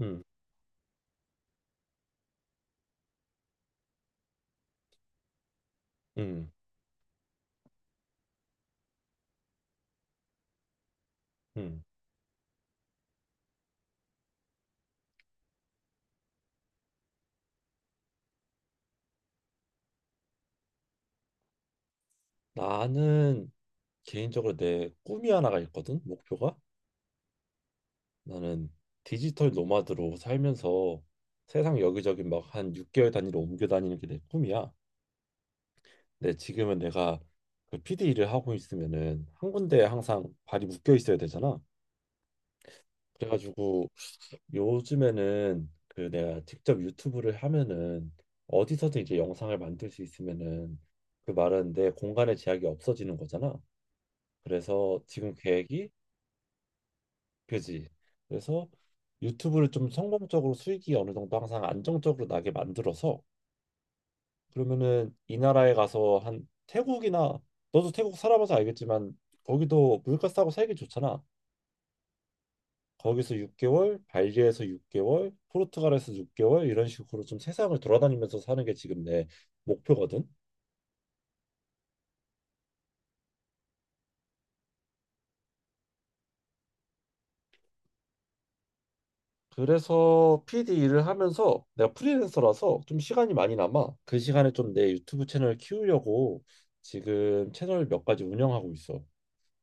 음, 음, 음. 나는 개인적으로 내 꿈이 하나가 있거든. 목표가 나는 디지털 노마드로 살면서 세상 여기저기 막 한 6개월 단위로 옮겨 다니는 게 내 꿈이야. 근데 지금은 내가 그 PD 일을 하고 있으면은 한 군데에 항상 발이 묶여 있어야 되잖아. 그래가지고 요즘에는 그 내가 직접 유튜브를 하면은 어디서든 이제 영상을 만들 수 있으면은 그 말은 내 공간의 제약이 없어지는 거잖아. 그래서 지금 계획이 그지. 그래서 유튜브를 좀 성공적으로 수익이 어느 정도 항상 안정적으로 나게 만들어서 그러면은 이 나라에 가서 한 태국이나 너도 태국 살아봐서 알겠지만 거기도 물가 싸고 살기 좋잖아. 거기서 6개월, 발리에서 6개월, 포르투갈에서 6개월 이런 식으로 좀 세상을 돌아다니면서 사는 게 지금 내 목표거든. 그래서 PD 일을 하면서 내가 프리랜서라서 좀 시간이 많이 남아. 그 시간에 좀 내 유튜브 채널 키우려고 지금 채널 몇 가지 운영하고 있어.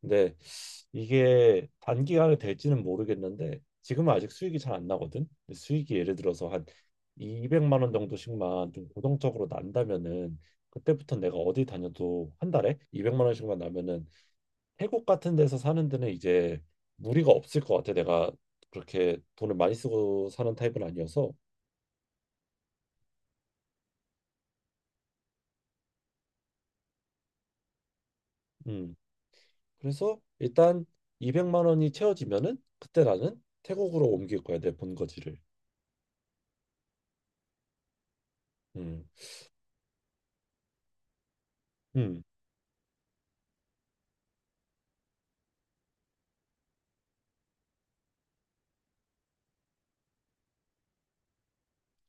근데 이게 단기간에 될지는 모르겠는데 지금은 아직 수익이 잘 안 나거든. 근데 수익이 예를 들어서 한 200만 원 정도씩만 좀 고정적으로 난다면은 그때부터 내가 어디 다녀도 한 달에 200만 원씩만 나면은 태국 같은 데서 사는 데는 이제 무리가 없을 것 같아. 내가 그렇게 돈을 많이 쓰고 사는 타입은 아니어서. 음. 그래서 일단 200만 원이 채워지면은 그때 나는 태국으로 옮길 거야. 내 본거지를. 음. 음.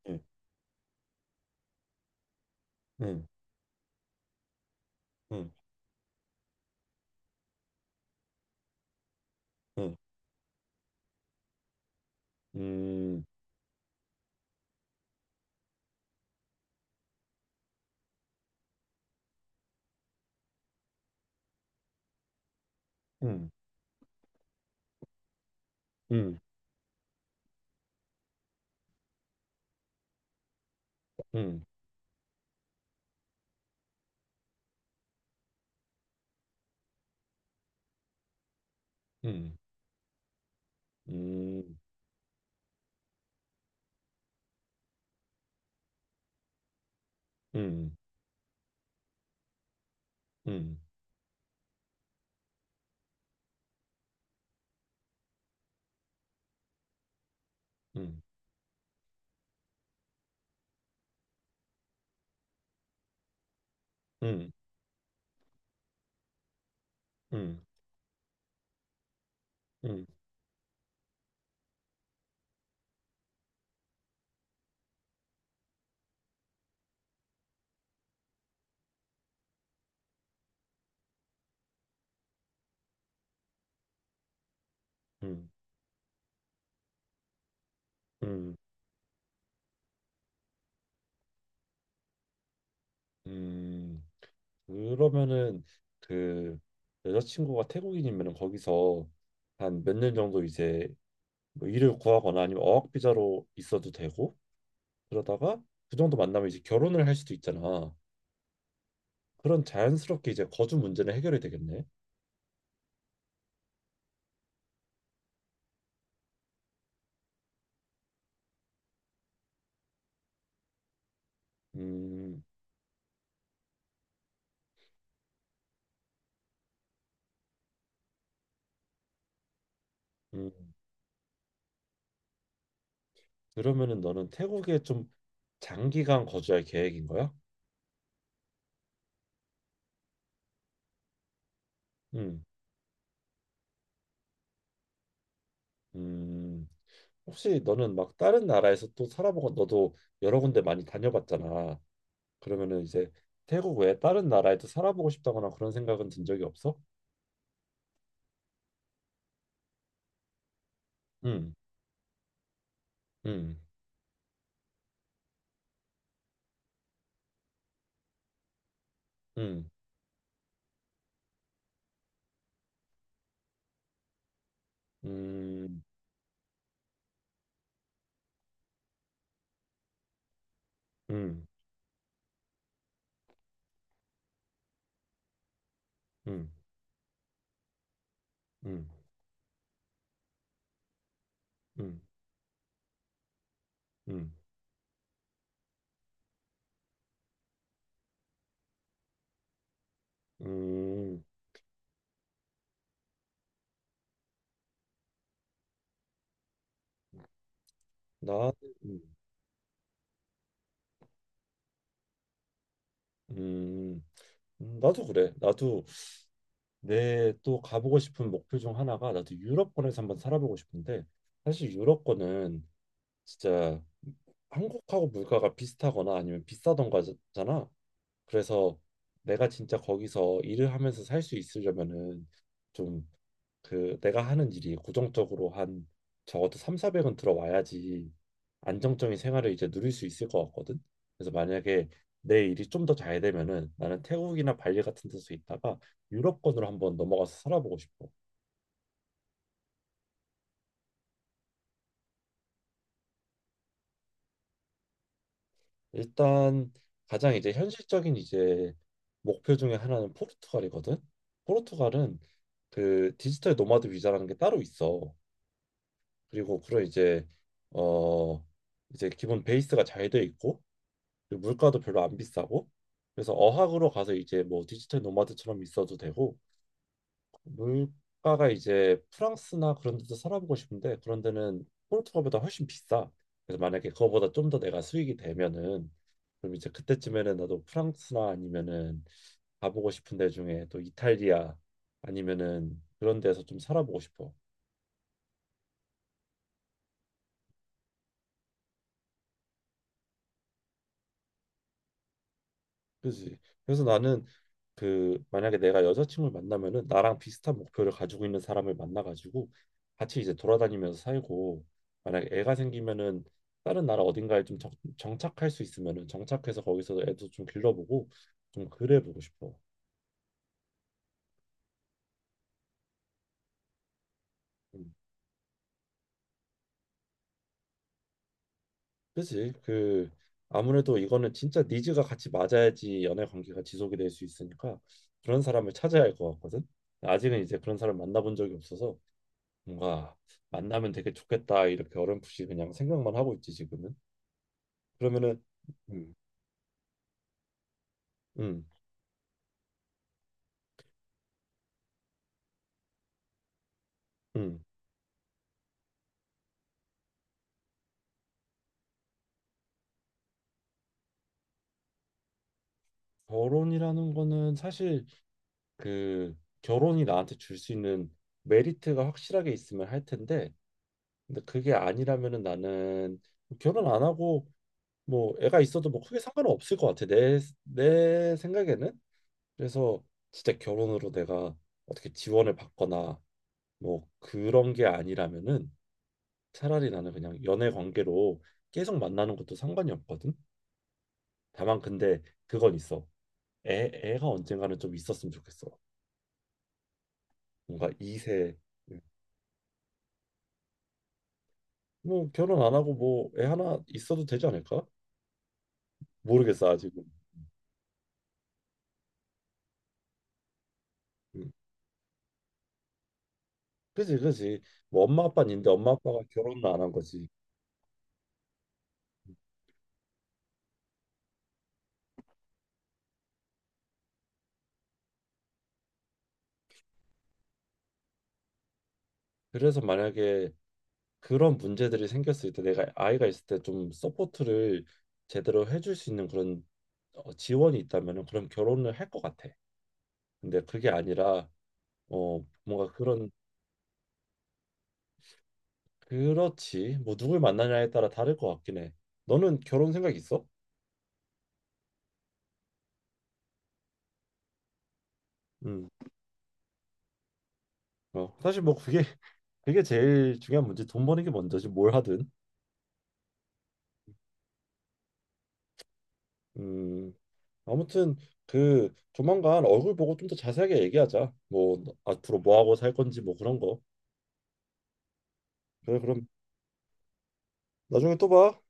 음. 음. 음. 음. 음. 음. 음. 음. 음. 음. 음. 음. 음. 음. 음. 음. 음. 음. 음. 그러면은 그 여자친구가 태국인이면 거기서 한 몇 년 정도 이제 뭐 일을 구하거나 아니면 어학 비자로 있어도 되고 그러다가 그 정도 만나면 이제 결혼을 할 수도 있잖아. 그런 자연스럽게 이제 거주 문제는 해결이 되겠네. 음, 음. 그러면은 너는 태국에 좀 장기간 거주할 계획인 거야? 음, 음. 혹시 너는 막 다른 나라에서 또 살아보고 너도 여러 군데 많이 다녀봤잖아. 그러면은 이제 태국 외에 다른 나라에도 살아보고 싶다거나 그런 생각은 든 적이 없어? 음, 음, 음, 음, 음, 음, 음, 음, 음, 음, 나, 음, 음, 나도 그래. 나도 내 또 가보고 싶은 목표 중 하나가 나도 유럽권에서 한번 살아보고 싶은데 사실 유럽권은 진짜 한국하고 물가가 비슷하거나 아니면 비싸던가잖아. 그래서 내가 진짜 거기서 일을 하면서 살 수 있으려면은 좀 그 내가 하는 일이 고정적으로 한 적어도 3, 400은 들어와야지 안정적인 생활을 이제 누릴 수 있을 것 같거든. 그래서 만약에 내 일이 좀 더 잘 되면은 나는 태국이나 발리 같은 데서 있다가 유럽권으로 한번 넘어가서 살아보고 싶어. 일단 가장 이제 현실적인 이제 목표 중에 하나는 포르투갈이거든. 포르투갈은 그 디지털 노마드 비자라는 게 따로 있어. 그리고 그런 이제 어 이제 기본 베이스가 잘 돼 있고 그리고 물가도 별로 안 비싸고 그래서 어학으로 가서 이제 뭐 디지털 노마드처럼 있어도 되고 물가가 이제 프랑스나 그런 데도 살아보고 싶은데 그런 데는 포르투갈보다 훨씬 비싸. 그래서 만약에 그거보다 좀 더 내가 수익이 되면은 그럼 이제 그때쯤에는 나도 프랑스나 아니면은 가보고 싶은 데 중에 또 이탈리아 아니면은 그런 데서 좀 살아보고 싶어. 그지. 그래서 나는 그 만약에 내가 여자친구를 만나면은 나랑 비슷한 목표를 가지고 있는 사람을 만나가지고 같이 이제 돌아다니면서 살고 만약에 애가 생기면은 다른 나라 어딘가에 좀 정착할 수 있으면은 정착해서 거기서 애도 좀 길러보고 좀 그래 보고 싶어. 음, 그지. 그 아무래도 이거는 진짜 니즈가 같이 맞아야지 연애 관계가 지속이 될 수 있으니까 그런 사람을 찾아야 할 것 같거든. 아직은 이제 그런 사람 만나본 적이 없어서 뭔가 만나면 되게 좋겠다 이렇게 어렴풋이 그냥 생각만 하고 있지 지금은. 그러면은 음, 음, 음. 결혼이라는 거는 사실 그 결혼이 나한테 줄 수 있는 메리트가 확실하게 있으면 할 텐데 근데 그게 아니라면은 나는 결혼 안 하고 뭐 애가 있어도 뭐 크게 상관은 없을 것 같아 내 생각에는. 그래서 진짜 결혼으로 내가 어떻게 지원을 받거나 뭐 그런 게 아니라면은 차라리 나는 그냥 연애 관계로 계속 만나는 것도 상관이 없거든. 다만 근데 그건 있어. 애가 언젠가는 좀 있었으면 좋겠어. 뭔가 2세 뭐 결혼 안 하고 뭐 애 하나 있어도 되지 않을까? 모르겠어 아직은. 음. 그지, 그지. 뭐 엄마 아빠는 있는데 엄마 아빠가 결혼을 안 한 거지. 그래서 만약에 그런 문제들이 생겼을 때 내가 아이가 있을 때 좀 서포트를 제대로 해줄 수 있는 그런 어, 지원이 있다면은 그럼 결혼을 할 것 같아. 근데 그게 아니라 어, 뭔가 그런 그렇지. 뭐 누굴 만나냐에 따라 다를 것 같긴 해. 너는 결혼 생각 있어? 음. 어, 사실 뭐 그게 그게 제일 중요한 문제. 돈 버는 게 먼저지 뭘 하든. 음. 아무튼 그 조만간 얼굴 보고 좀 더 자세하게 얘기하자. 뭐 앞으로 뭐 하고 살 건지 뭐 그런 거. 그래 그럼 나중에 또 봐.